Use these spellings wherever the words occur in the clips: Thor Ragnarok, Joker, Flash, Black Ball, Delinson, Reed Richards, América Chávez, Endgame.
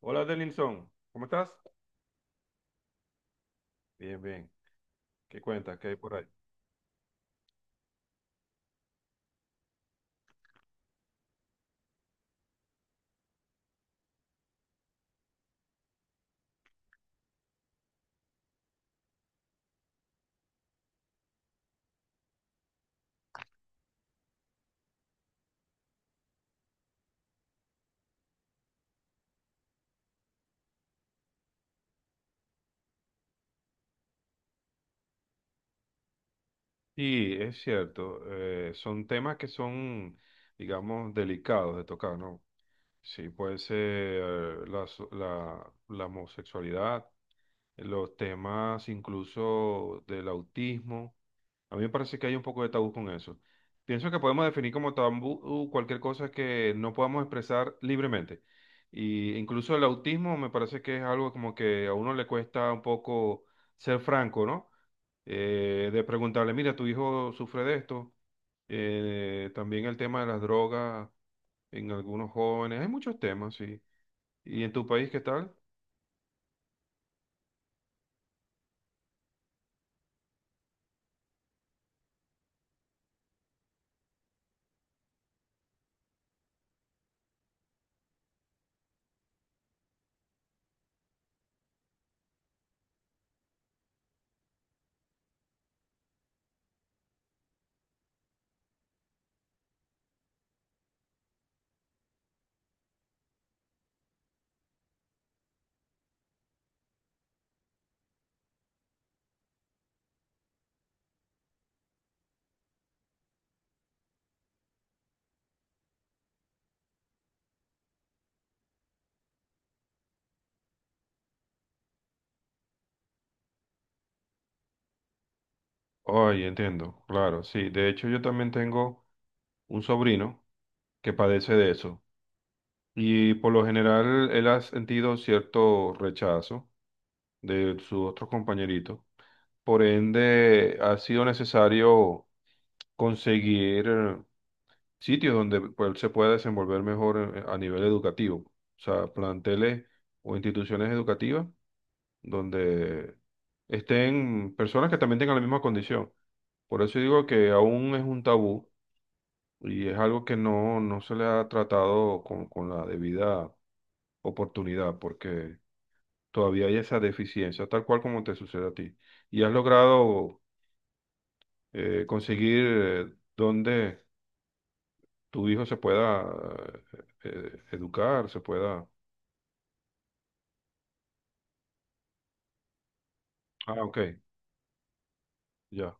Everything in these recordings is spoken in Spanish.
Hola, Delinson. ¿Cómo estás? Bien, bien. ¿Qué cuentas? ¿Qué hay por ahí? Sí, es cierto. Son temas que son, digamos, delicados de tocar, ¿no? Sí, puede ser la homosexualidad, los temas incluso del autismo. A mí me parece que hay un poco de tabú con eso. Pienso que podemos definir como tabú cualquier cosa que no podamos expresar libremente. Y incluso el autismo me parece que es algo como que a uno le cuesta un poco ser franco, ¿no? De preguntarle, mira, tu hijo sufre de esto. También el tema de las drogas en algunos jóvenes. Hay muchos temas, sí. ¿Y en tu país qué tal? Ay, entiendo, claro, sí. De hecho, yo también tengo un sobrino que padece de eso. Y por lo general él ha sentido cierto rechazo de sus otros compañeritos. Por ende, ha sido necesario conseguir sitios donde pues, él se pueda desenvolver mejor a nivel educativo. O sea, planteles o instituciones educativas donde estén personas que también tengan la misma condición. Por eso digo que aún es un tabú y es algo que no, no se le ha tratado con la debida oportunidad, porque todavía hay esa deficiencia, tal cual como te sucede a ti. Y has logrado conseguir, donde tu hijo se pueda educar, se pueda. Ah, ok, ya.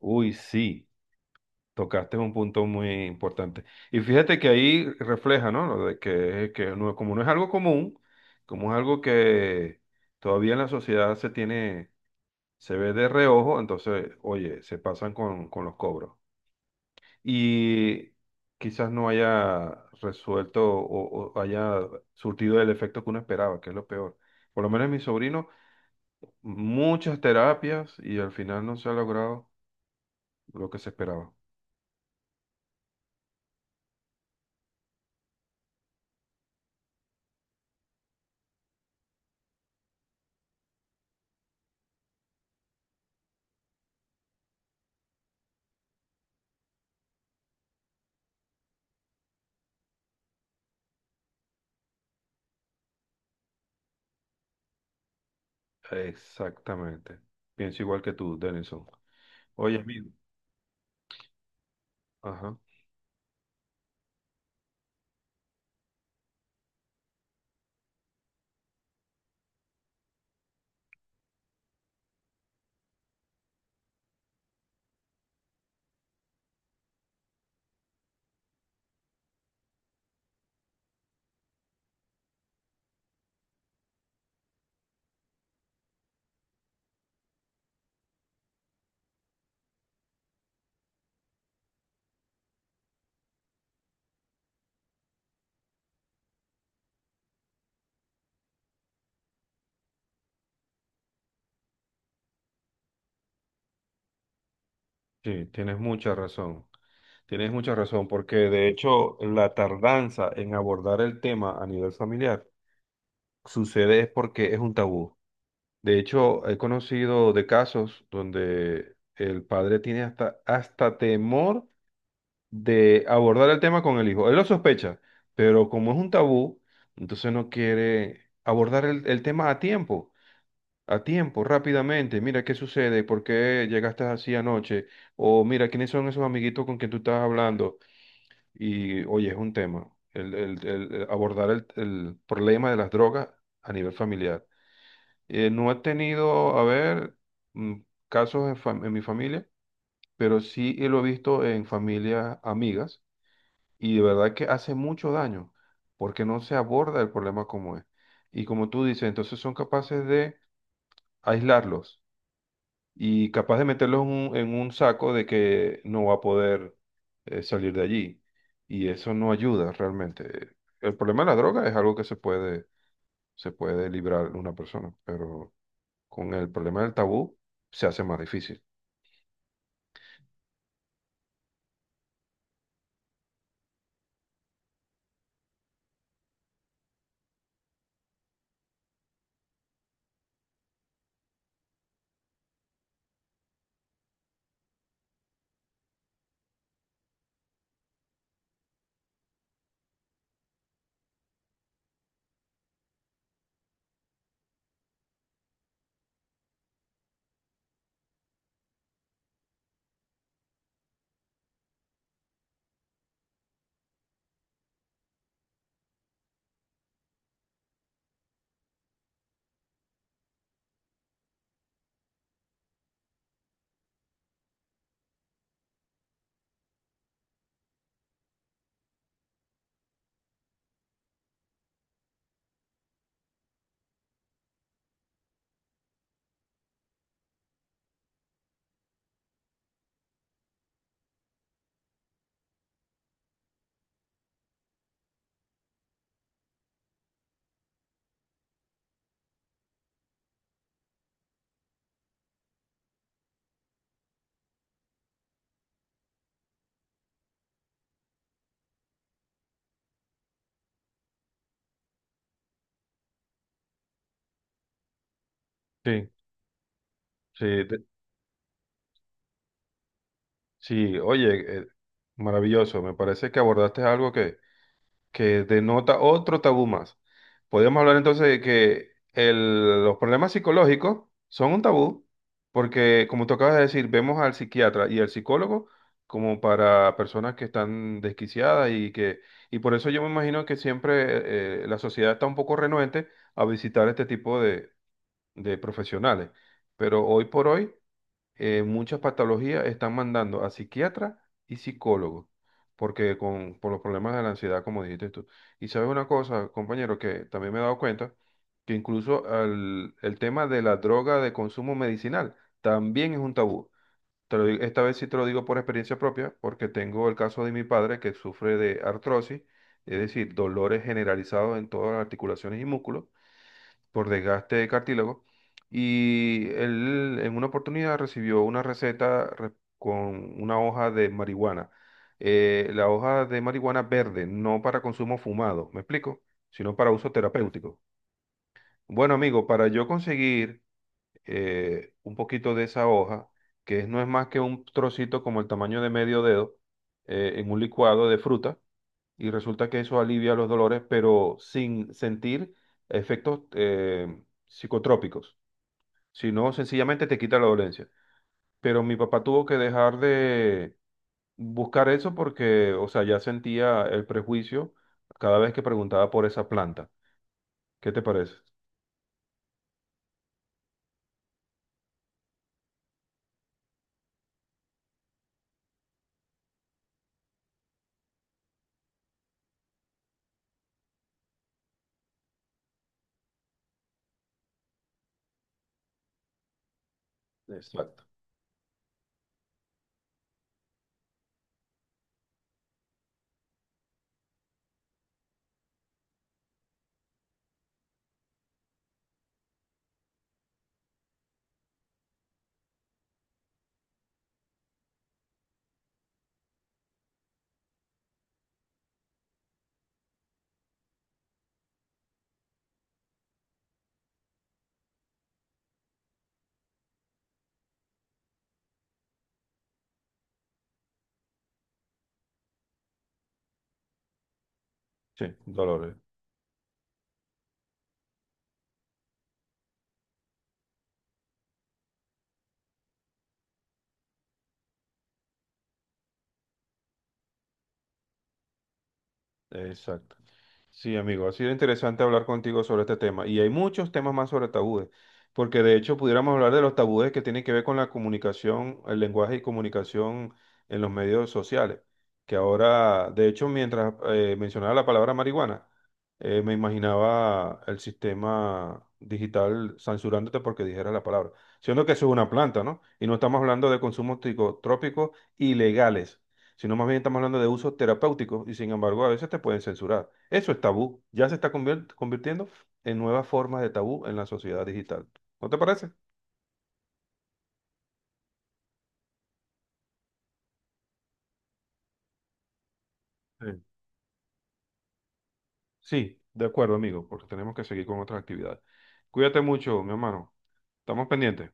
Uy, sí, tocaste un punto muy importante. Y fíjate que ahí refleja, ¿no? Lo de que no, como no es algo común, como es algo que todavía en la sociedad se tiene, se ve de reojo. Entonces, oye, se pasan con los cobros. Y quizás no haya resuelto o haya surtido el efecto que uno esperaba, que es lo peor. Por lo menos en mi sobrino, muchas terapias y al final no se ha logrado lo que se esperaba. Exactamente. Pienso igual que tú, Denison. Oye, amigo. Ajá. Sí, tienes mucha razón. Tienes mucha razón, porque de hecho la tardanza en abordar el tema a nivel familiar sucede es porque es un tabú. De hecho, he conocido de casos donde el padre tiene hasta temor de abordar el tema con el hijo. Él lo sospecha, pero como es un tabú, entonces no quiere abordar el tema a tiempo, rápidamente. Mira qué sucede, por qué llegaste así anoche, o mira quiénes son esos amiguitos con quien tú estás hablando. Y oye, es un tema, el abordar el problema de las drogas a nivel familiar. No he tenido, a ver, mm, casos en, en mi familia, pero sí lo he visto en familias amigas y de verdad que hace mucho daño porque no se aborda el problema como es. Y como tú dices, entonces son capaces de aislarlos y capaz de meterlos en un saco de que no va a poder salir de allí. Y eso no ayuda realmente. El problema de la droga es algo que se puede librar una persona, pero con el problema del tabú, se hace más difícil. Sí, sí, sí. Oye, maravilloso, me parece que abordaste algo que denota otro tabú más. Podríamos hablar entonces de que los problemas psicológicos son un tabú, porque como tú acabas de decir, vemos al psiquiatra y al psicólogo como para personas que están desquiciadas y que, y por eso yo me imagino que siempre la sociedad está un poco renuente a visitar este tipo de profesionales. Pero hoy por hoy muchas patologías están mandando a psiquiatras y psicólogos, porque por los problemas de la ansiedad, como dijiste tú. Y sabes una cosa, compañero, que también me he dado cuenta, que incluso el tema de la droga de consumo medicinal también es un tabú. Te lo digo, esta vez sí te lo digo por experiencia propia, porque tengo el caso de mi padre que sufre de artrosis, es decir, dolores generalizados en todas las articulaciones y músculos por desgaste de cartílago. Y él en una oportunidad recibió una con una hoja de marihuana. La hoja de marihuana verde, no para consumo fumado, ¿me explico? Sino para uso terapéutico. Bueno, amigo, para yo conseguir un poquito de esa hoja, que no es más que un trocito como el tamaño de medio dedo, en un licuado de fruta, y resulta que eso alivia los dolores, pero sin sentir efectos psicotrópicos, sino sencillamente te quita la dolencia. Pero mi papá tuvo que dejar de buscar eso porque, o sea, ya sentía el prejuicio cada vez que preguntaba por esa planta. ¿Qué te parece? Exacto. Sí, dolores. Exacto. Sí, amigo, ha sido interesante hablar contigo sobre este tema y hay muchos temas más sobre tabúes, porque de hecho pudiéramos hablar de los tabúes que tienen que ver con la comunicación, el lenguaje y comunicación en los medios sociales, que ahora, de hecho, mientras mencionaba la palabra marihuana, me imaginaba el sistema digital censurándote porque dijera la palabra, siendo que eso es una planta, ¿no? Y no estamos hablando de consumos psicotrópicos ilegales, sino más bien estamos hablando de usos terapéuticos y sin embargo a veces te pueden censurar. Eso es tabú, ya se está convirtiendo en nuevas formas de tabú en la sociedad digital. ¿No te parece? Sí. Sí, de acuerdo, amigo, porque tenemos que seguir con otras actividades. Cuídate mucho, mi hermano. Estamos pendientes.